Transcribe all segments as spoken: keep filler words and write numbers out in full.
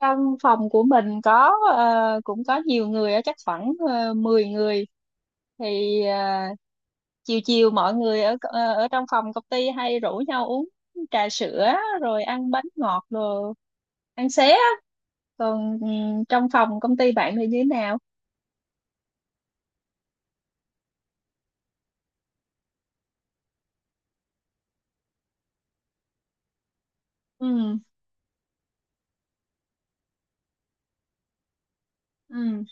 Trong phòng của mình có ờ, cũng có nhiều người á, chắc khoảng uh, mười người thì ờ, chiều chiều mọi người ở ờ, ở trong phòng công ty hay rủ nhau uống trà sữa, rồi ăn bánh ngọt, rồi ăn xé á. Còn ừ, trong phòng công ty bạn thì như thế nào? Ừ. Ừ.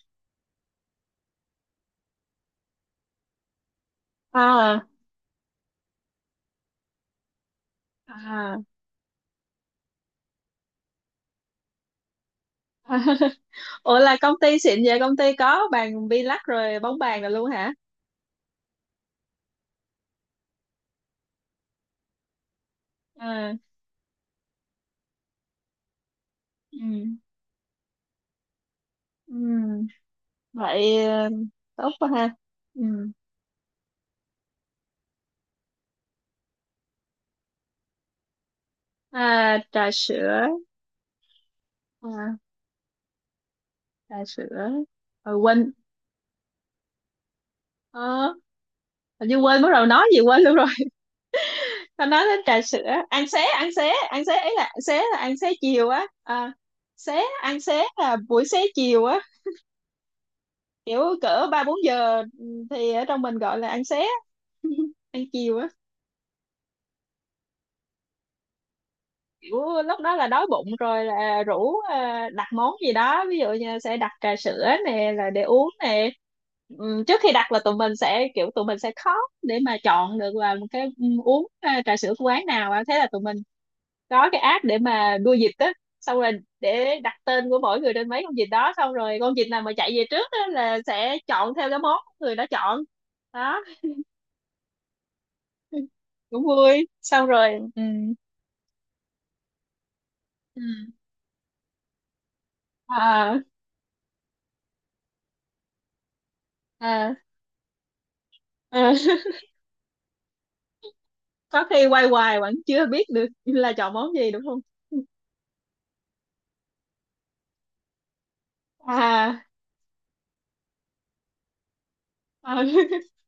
À. À. Ủa, là công ty xịn vậy, công ty có bàn bi lắc rồi bóng bàn rồi luôn hả? À. Ừ. Ừ. Vậy ờ, tốt quá ha. Ừ. À, trà sữa. À, trà sữa rồi quên. ờ, Hình như quên, bắt đầu nói gì quên luôn rồi. Tao nói đến trà sữa. Ăn xế, ăn xế, ăn xế ấy, là xế, là ăn xế chiều á. À, xế, ăn xế là buổi xế chiều á. Kiểu cỡ ba bốn giờ, ừ, thì ở trong mình gọi là ăn xế á, ăn chiều á. Kiểu lúc đó là đói bụng rồi là rủ ờ, đặt món gì đó, ví dụ như sẽ đặt trà sữa nè là để uống nè. Ừm, trước khi đặt là tụi mình sẽ kiểu tụi mình sẽ khóc để mà chọn được là một cái ừm, uống ờ, trà sữa của quán nào á. Thế là tụi mình có cái app để mà đua vịt á, xong rồi để đặt tên của mỗi người trên mấy con vịt đó, xong rồi con vịt nào mà chạy về trước á là sẽ chọn theo cái món người đó chọn. Đó. Cũng vui. Xong rồi. Ừ. Ừ. À. À, à. Có khi quay hoài vẫn chưa biết được là chọn món gì đúng không? À. ờ,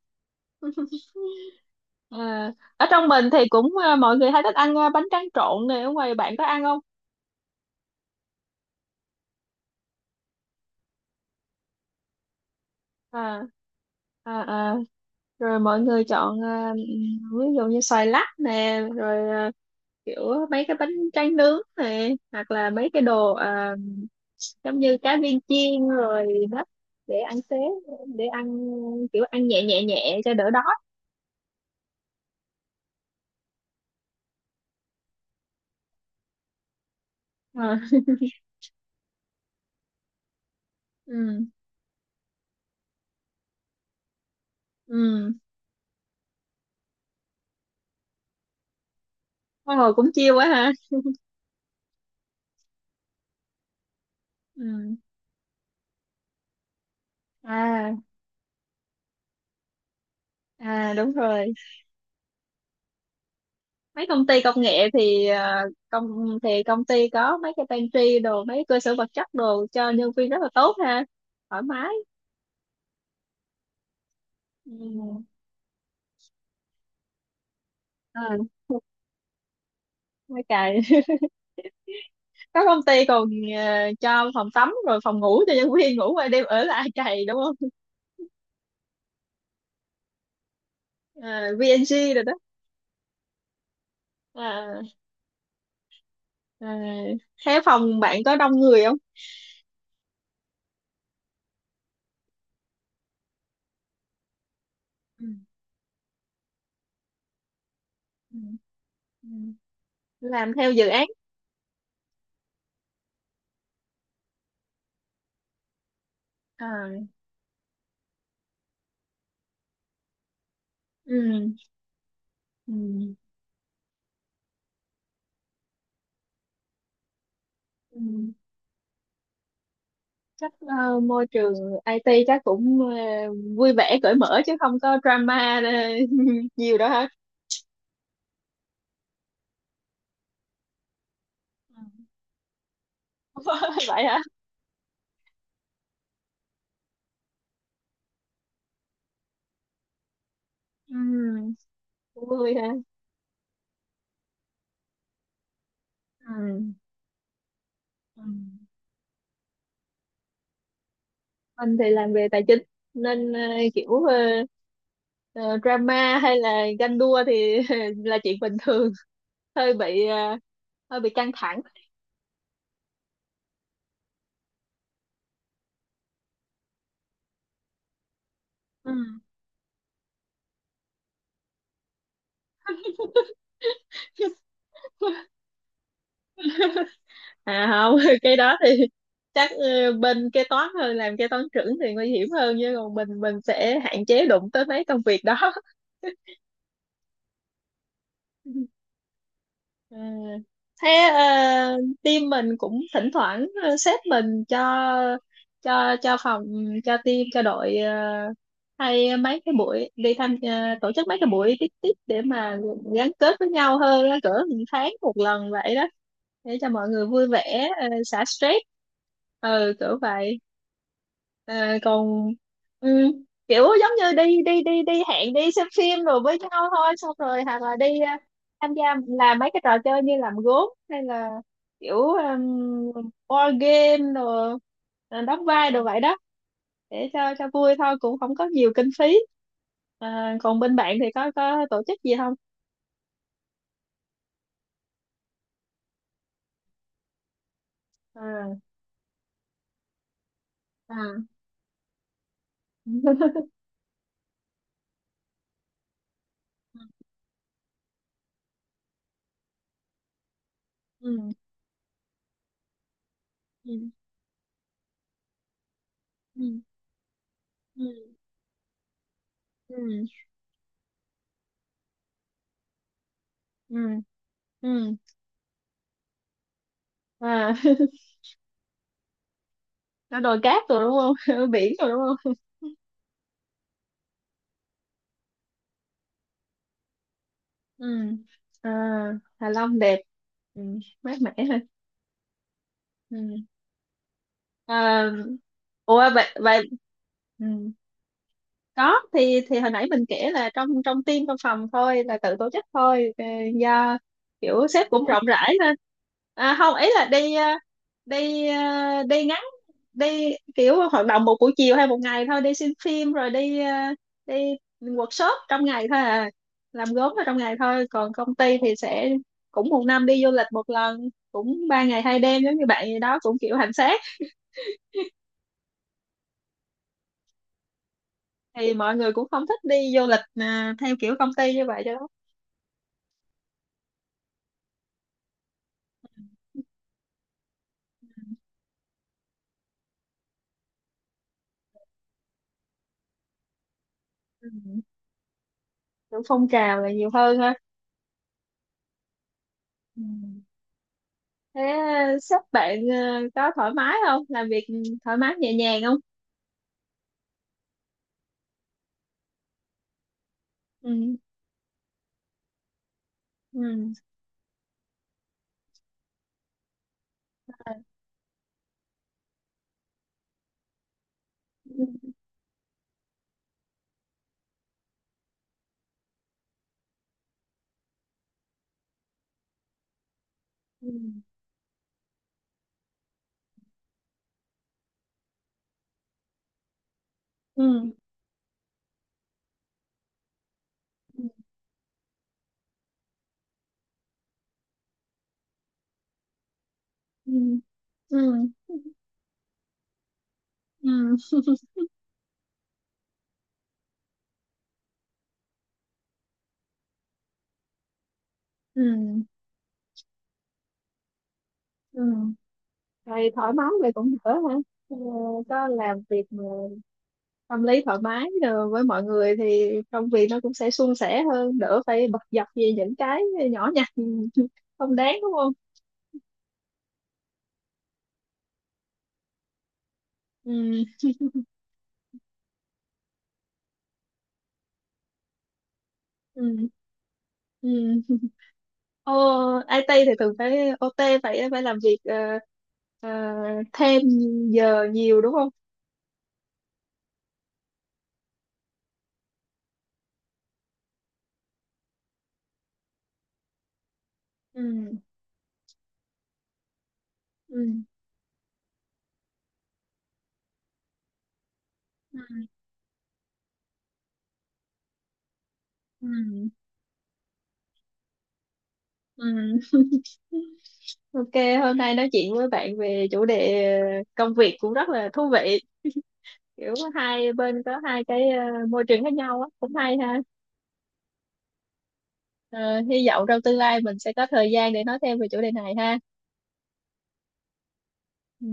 À, ở trong mình thì cũng à, mọi người hay thích ăn à, bánh tráng trộn này, ở ngoài bạn có ăn không? À. À, à. Rồi mọi người chọn à, ừm, ví dụ như xoài lắc nè, rồi à, kiểu mấy cái bánh tráng nướng nè, hoặc là mấy cái đồ à, giống như cá viên chiên rồi. Đó, để ăn xế, để ăn, kiểu ăn nhẹ nhẹ nhẹ cho đỡ đói. À. Ừ. Ừ. Ôi, hồi cũng chiêu quá ha. Ừ. À. À, đúng rồi. Mấy công ty công nghệ thì ờ, công thì công ty có mấy cái pantry đồ, mấy cơ sở vật chất đồ cho nhân viên rất là tốt ha. Thoải mái. Ừ. À, mấy cày. Có công ty còn ờ, cho phòng tắm rồi phòng ngủ cho nhân viên ngủ qua đêm ở lại cày đúng không? À, vê en giê rồi đó. À. À. Thế phòng bạn có đông người không? Ừ. Ừ. Ừ. Làm theo dự án. À. Ừ. Ừ. Ừ. Chắc ờ, môi trường i tê chắc cũng ờ, vui vẻ cởi mở chứ không có drama ờ, nhiều đó hả? Ừ, vậy hả? Ừ. Cũng vui ha. Ừ. Ừ. Anh thì làm về tài chính, nên ờ, kiểu ờ, ờ, drama hay là ganh đua thì là chuyện bình thường. hơi bị ờ, hơi bị căng thẳng. Ừ. À, không, cái đó thì chắc ờ, bên kế toán hơn, làm kế toán trưởng thì nguy hiểm hơn, chứ còn mình mình sẽ hạn chế đụng tới mấy công việc đó. Ừ. Thế ờ, team mình cũng thỉnh thoảng ờ, sếp mình cho cho cho phòng, cho team, cho đội ờ, hay mấy cái buổi đi tham ờ, tổ chức mấy cái buổi tiếp tiếp để mà gắn kết với nhau hơn á, cỡ một tháng một lần vậy đó, để cho mọi người vui vẻ ờ, xả stress. Ừ, cỡ vậy. Ờ, còn ừ, kiểu giống như đi đi đi đi hẹn đi xem phim rồi với nhau thôi, xong rồi hoặc là đi ờ, tham gia làm mấy cái trò chơi như làm gốm hay là kiểu um, board game, rồi rồi đóng vai đồ vậy đó, để cho cho vui thôi, cũng không có nhiều kinh phí. À, còn bên bạn thì có có tổ chức gì không? À. À. Ừ. Ừ. Ừ. Ừ. Ừ. Ừ. Ừ. À. Nó đồi cát rồi đúng không? Ở biển rồi đúng không? Ừ. À, Hạ Long đẹp. Ừ, mát mẻ ha. Ừ. À, ủa, vậy vậy. Ừ. Có, thì thì hồi nãy mình kể là trong trong team, trong phòng thôi là tự tổ chức thôi ờ, do kiểu sếp cũng rộng rãi nên à, không, ý là đi ờ, đi ờ, đi ngắn, đi kiểu hoạt động một buổi chiều hay một ngày thôi, đi xem phim rồi đi ờ, đi workshop trong ngày thôi à, làm gốm ở trong ngày thôi. Còn công ty thì sẽ cũng một năm đi du lịch một lần, cũng ba ngày hai đêm, giống như bạn gì đó, cũng kiểu hành xác. Thì mọi người cũng không thích đi du lịch à, theo kiểu công ty như vậy cho lắm. Ừ. Kiểu phong trào là nhiều hơn ha. Ừ. Thế à, sếp bạn à, có thoải mái không, làm việc thoải mái nhẹ nhàng không? Ừ. Ừ. Ừ. Ừ. Ừ. Ừ. Ừ. Ừ. Ừ. Ừ. Thì thoải mái vậy cũng đỡ ha. Ờ, có làm việc mà tâm lý thoải mái rồi với mọi người thì công việc nó cũng sẽ suôn sẻ hơn, đỡ phải bật dập về những cái nhỏ nhặt, ừ, không đáng đúng không? Ừ. Ừ. Ừ. Ồ, i tê thì thường phải ô tê, phải phải làm việc ờ, ờ, thêm giờ nhiều đúng không? Ừ. Ừ. Ừ. Ừ. Ừ. Ok, hôm nay nói chuyện với bạn về chủ đề công việc cũng rất là thú vị. Kiểu hai bên có hai cái ờ, môi trường khác nhau á, cũng hay ha. Ờ, hy vọng trong tương lai mình sẽ có thời gian để nói thêm về chủ đề này ha. Ừ.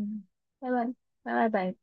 Bye bye. Bye bye bạn.